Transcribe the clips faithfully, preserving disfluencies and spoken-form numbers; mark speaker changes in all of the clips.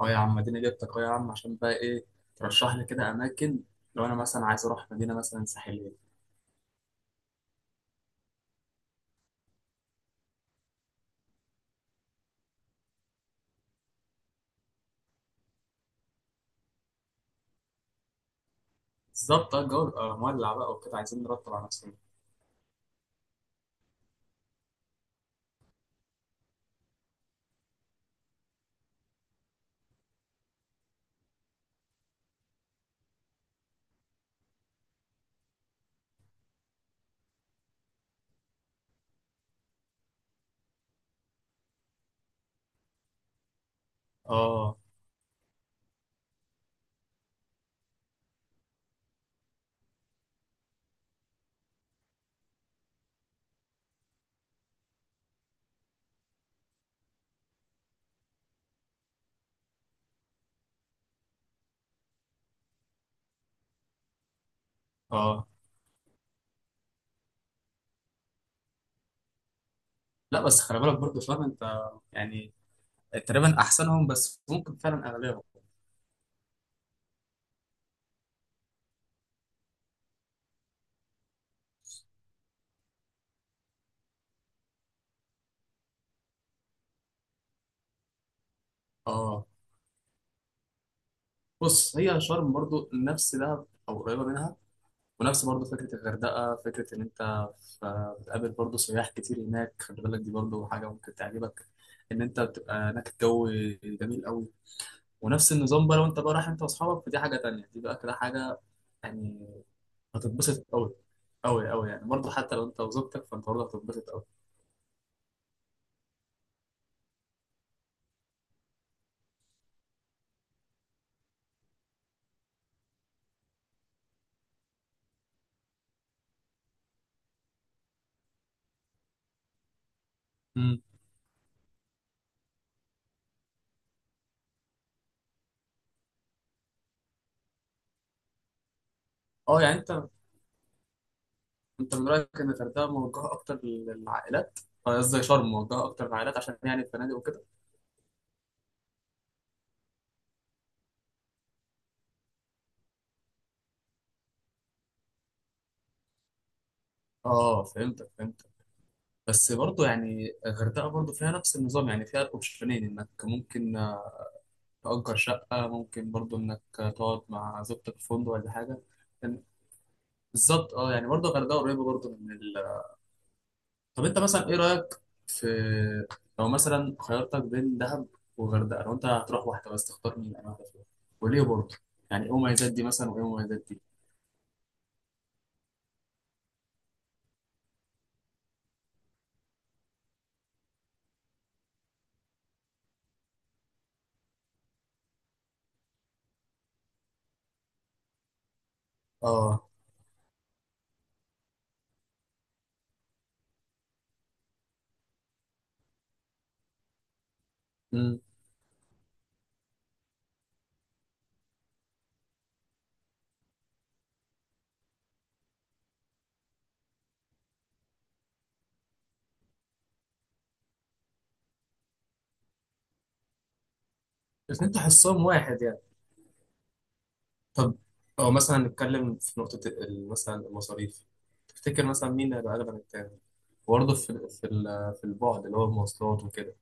Speaker 1: اه يا عم اديني جبتك اه يا عم عشان بقى ايه. ترشح لي كده اماكن. لو انا مثلا عايز اروح مدينه مثلا ساحليه. بالظبط اه، الجو بيبقى مولع بقى وكده، عايزين نرتب على نفسنا. اه، اه. لا بس خلي بالك برضه، فاهم انت يعني، تقريبا احسنهم بس ممكن فعلا اغلبهم. اه، بص هي شرم برضه نفس دهب او قريبه منها. ونفس برضه فكره الغردقه، فكره ان انت ف- بتقابل برضه سياح كتير هناك. خلي بالك دي برضه حاجه ممكن تعجبك، ان انت بتبقى هناك الجو جميل قوي. ونفس النظام بقى، لو انت بقى رايح انت واصحابك فدي حاجه تانية، دي بقى كده حاجه يعني هتتبسط قوي قوي قوي، يعني برضه حتى لو انت وزوجتك فانت برضه هتتبسط قوي. مم. اه يعني انت انت من رايك ان الغردقه موجهه اكتر للعائلات؟ آه، قصدي شرم موجهه اكتر للعائلات عشان يعني الفنادق وكده. اه، فهمتك فهمتك. بس برضه يعني الغردقه برضه فيها نفس النظام، يعني فيها الاوبشنين انك ممكن آه، تأجر شقه، ممكن برضه انك آه، تقعد مع زوجتك في فندق ولا حاجه يعني. بالظبط اه، يعني برضه الغردقه قريبه برضه من. طب انت مثلا ايه رايك في، لو مثلا خيرتك بين دهب وغردقه لو انت هتروح واحده بس تختار مين؟ انا واحده فيهم، وليه برضه؟ يعني ايه مميزات دي مثلا وايه مميزات دي؟ اه. امم الاثنين تحسهم واحد يعني. طب او مثلا نتكلم في نقطه ال- مثلا المصاريف، تفتكر مثلا مين اللي هيبقى اغلى من التاني؟ برضه في في ال- في البعد اللي هو المواصلات وكده.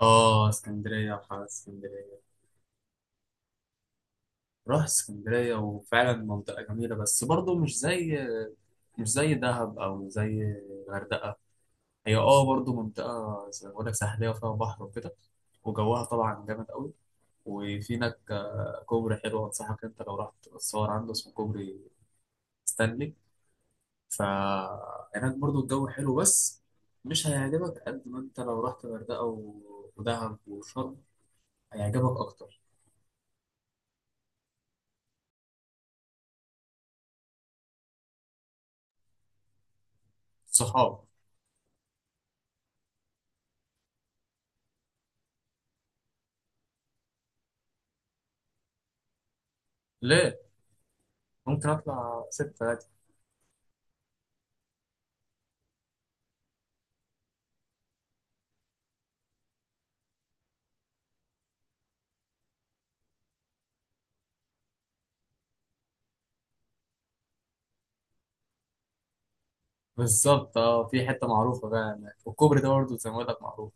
Speaker 1: اه، اسكندريه وحاجات اسكندريه. رحت اسكندريه وفعلا منطقه جميله، بس برضه مش زي، مش زي دهب او زي الغردقه. هي اه برضو منطقه زي ما بقول لك ساحليه وفيها بحر وكده، وجوها طبعا جامد قوي. وفي هناك آه، كوبري حلو انصحك انت لو رحت تصور عنده، اسمه كوبري ستانلي. فهناك برضو الجو حلو، بس مش هيعجبك قد ما انت لو رحت الغردقه و- ودهب وشرم، هيعجبك اكتر. صحاب. ليه؟ ممكن اطلع ستة عادي. بالظبط اه، في حته معروفه بقى هناك، والكوبري ده برضو زي ما بقول لك معروف.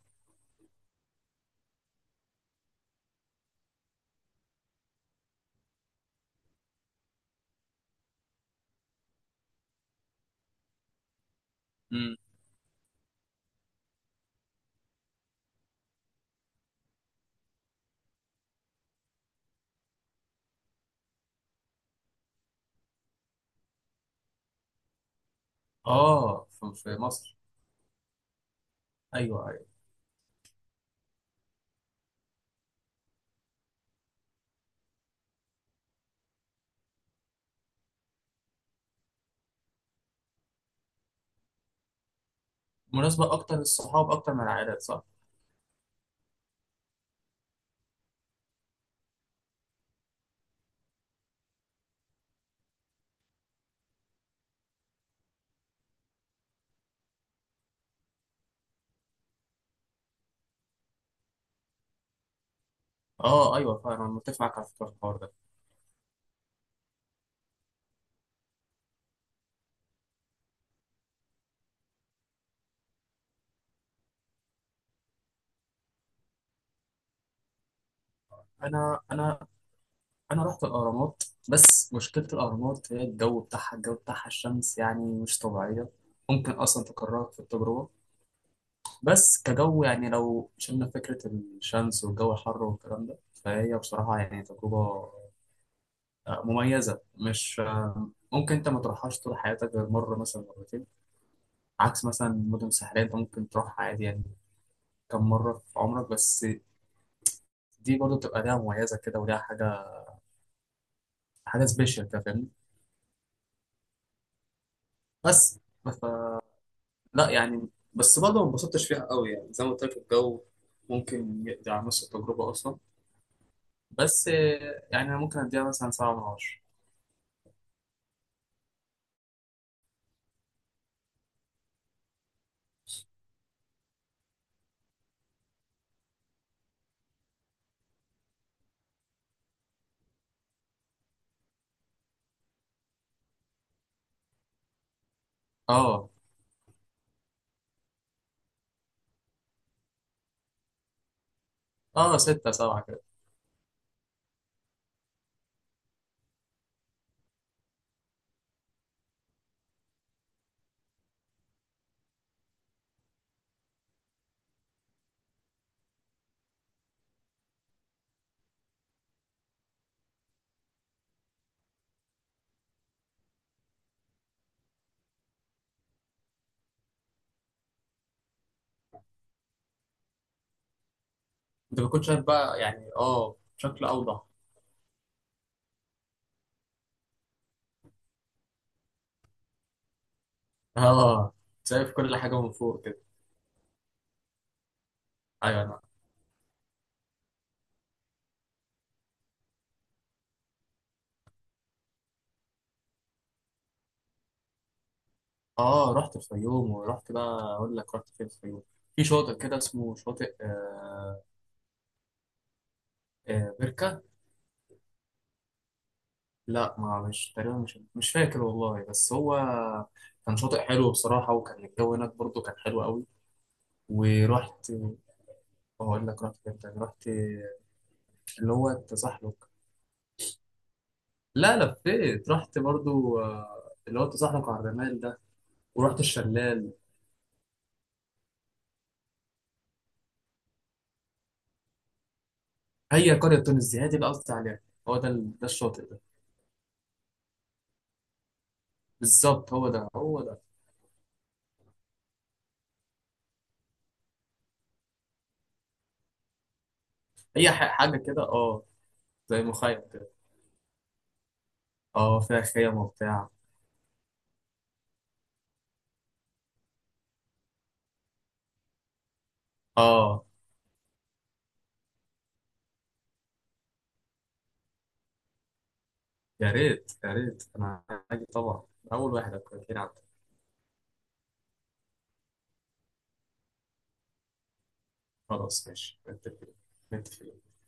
Speaker 1: اه، في في مصر. ايوه، ايوه. مناسبة اكتر للصحاب اكتر من العائلات، صح؟ اه ايوه، فعلا انا متفق معاك على فكرة في الحوار ده. انا انا انا رحت الاهرامات. بس مشكلة الاهرامات هي الجو بتاعها، الجو بتاعها الشمس يعني مش طبيعية، ممكن اصلا تكرهك في التجربة. بس كجو يعني لو شلنا فكرة الشمس والجو الحر والكلام ده، فهي بصراحة يعني تجربة آه، مميزة. مش آه، ممكن انت ما تروحهاش طول حياتك غير مرة مثلا مرتين. عكس مثلا مدن ساحلية انت ممكن تروح عادي يعني كم مرة في عمرك بس. دي برضه بتبقى ليها مميزة كده، وليها حاجة، حاجة سبيشال كده فاهمني. بس ف... لا يعني بس برضه ما انبسطتش فيها قوي يعني، زي ما قلت لك الجو ممكن يقضي على نص التجربة أصلا. بس آه، يعني أنا ممكن أديها مثلا سبعة من عشرة. اه، اه، ستة سبعة كده. أنت بتكون شايف بقى يعني اه بشكل أوضح. اه، شايف كل حاجة من فوق كده. أيوة أنا. اه، رحت الفيوم ورحت بقى أقول لك رحت فين الفيوم. في شاطئ كده اسمه شاطئ آه. آه، بركة. لا، ما مش تقريبا، مش مش فاكر والله، بس هو كان شاطئ حلو بصراحة، وكان الجو هناك برضه كان حلو قوي. ورحت، هقول لك رحت فين تاني. رحت اللي هو التزحلق. لا لفيت، رحت برضه آه، اللي هو التزحلق على الرمال ده، ورحت الشلال. هي قرية تونس دي هي دي اللي قصدي عليها، هو ده ال- ده الشاطئ ده. بالظبط، هو ده هو ده. هي ح- حاجة كده اه، زي مخيم كده، اه فيها خيم وبتاع. اه، يا ريت يا ريت، انا هاجي طبعا، اول واحد هكون. خلاص ماشي نتفق، نتفق.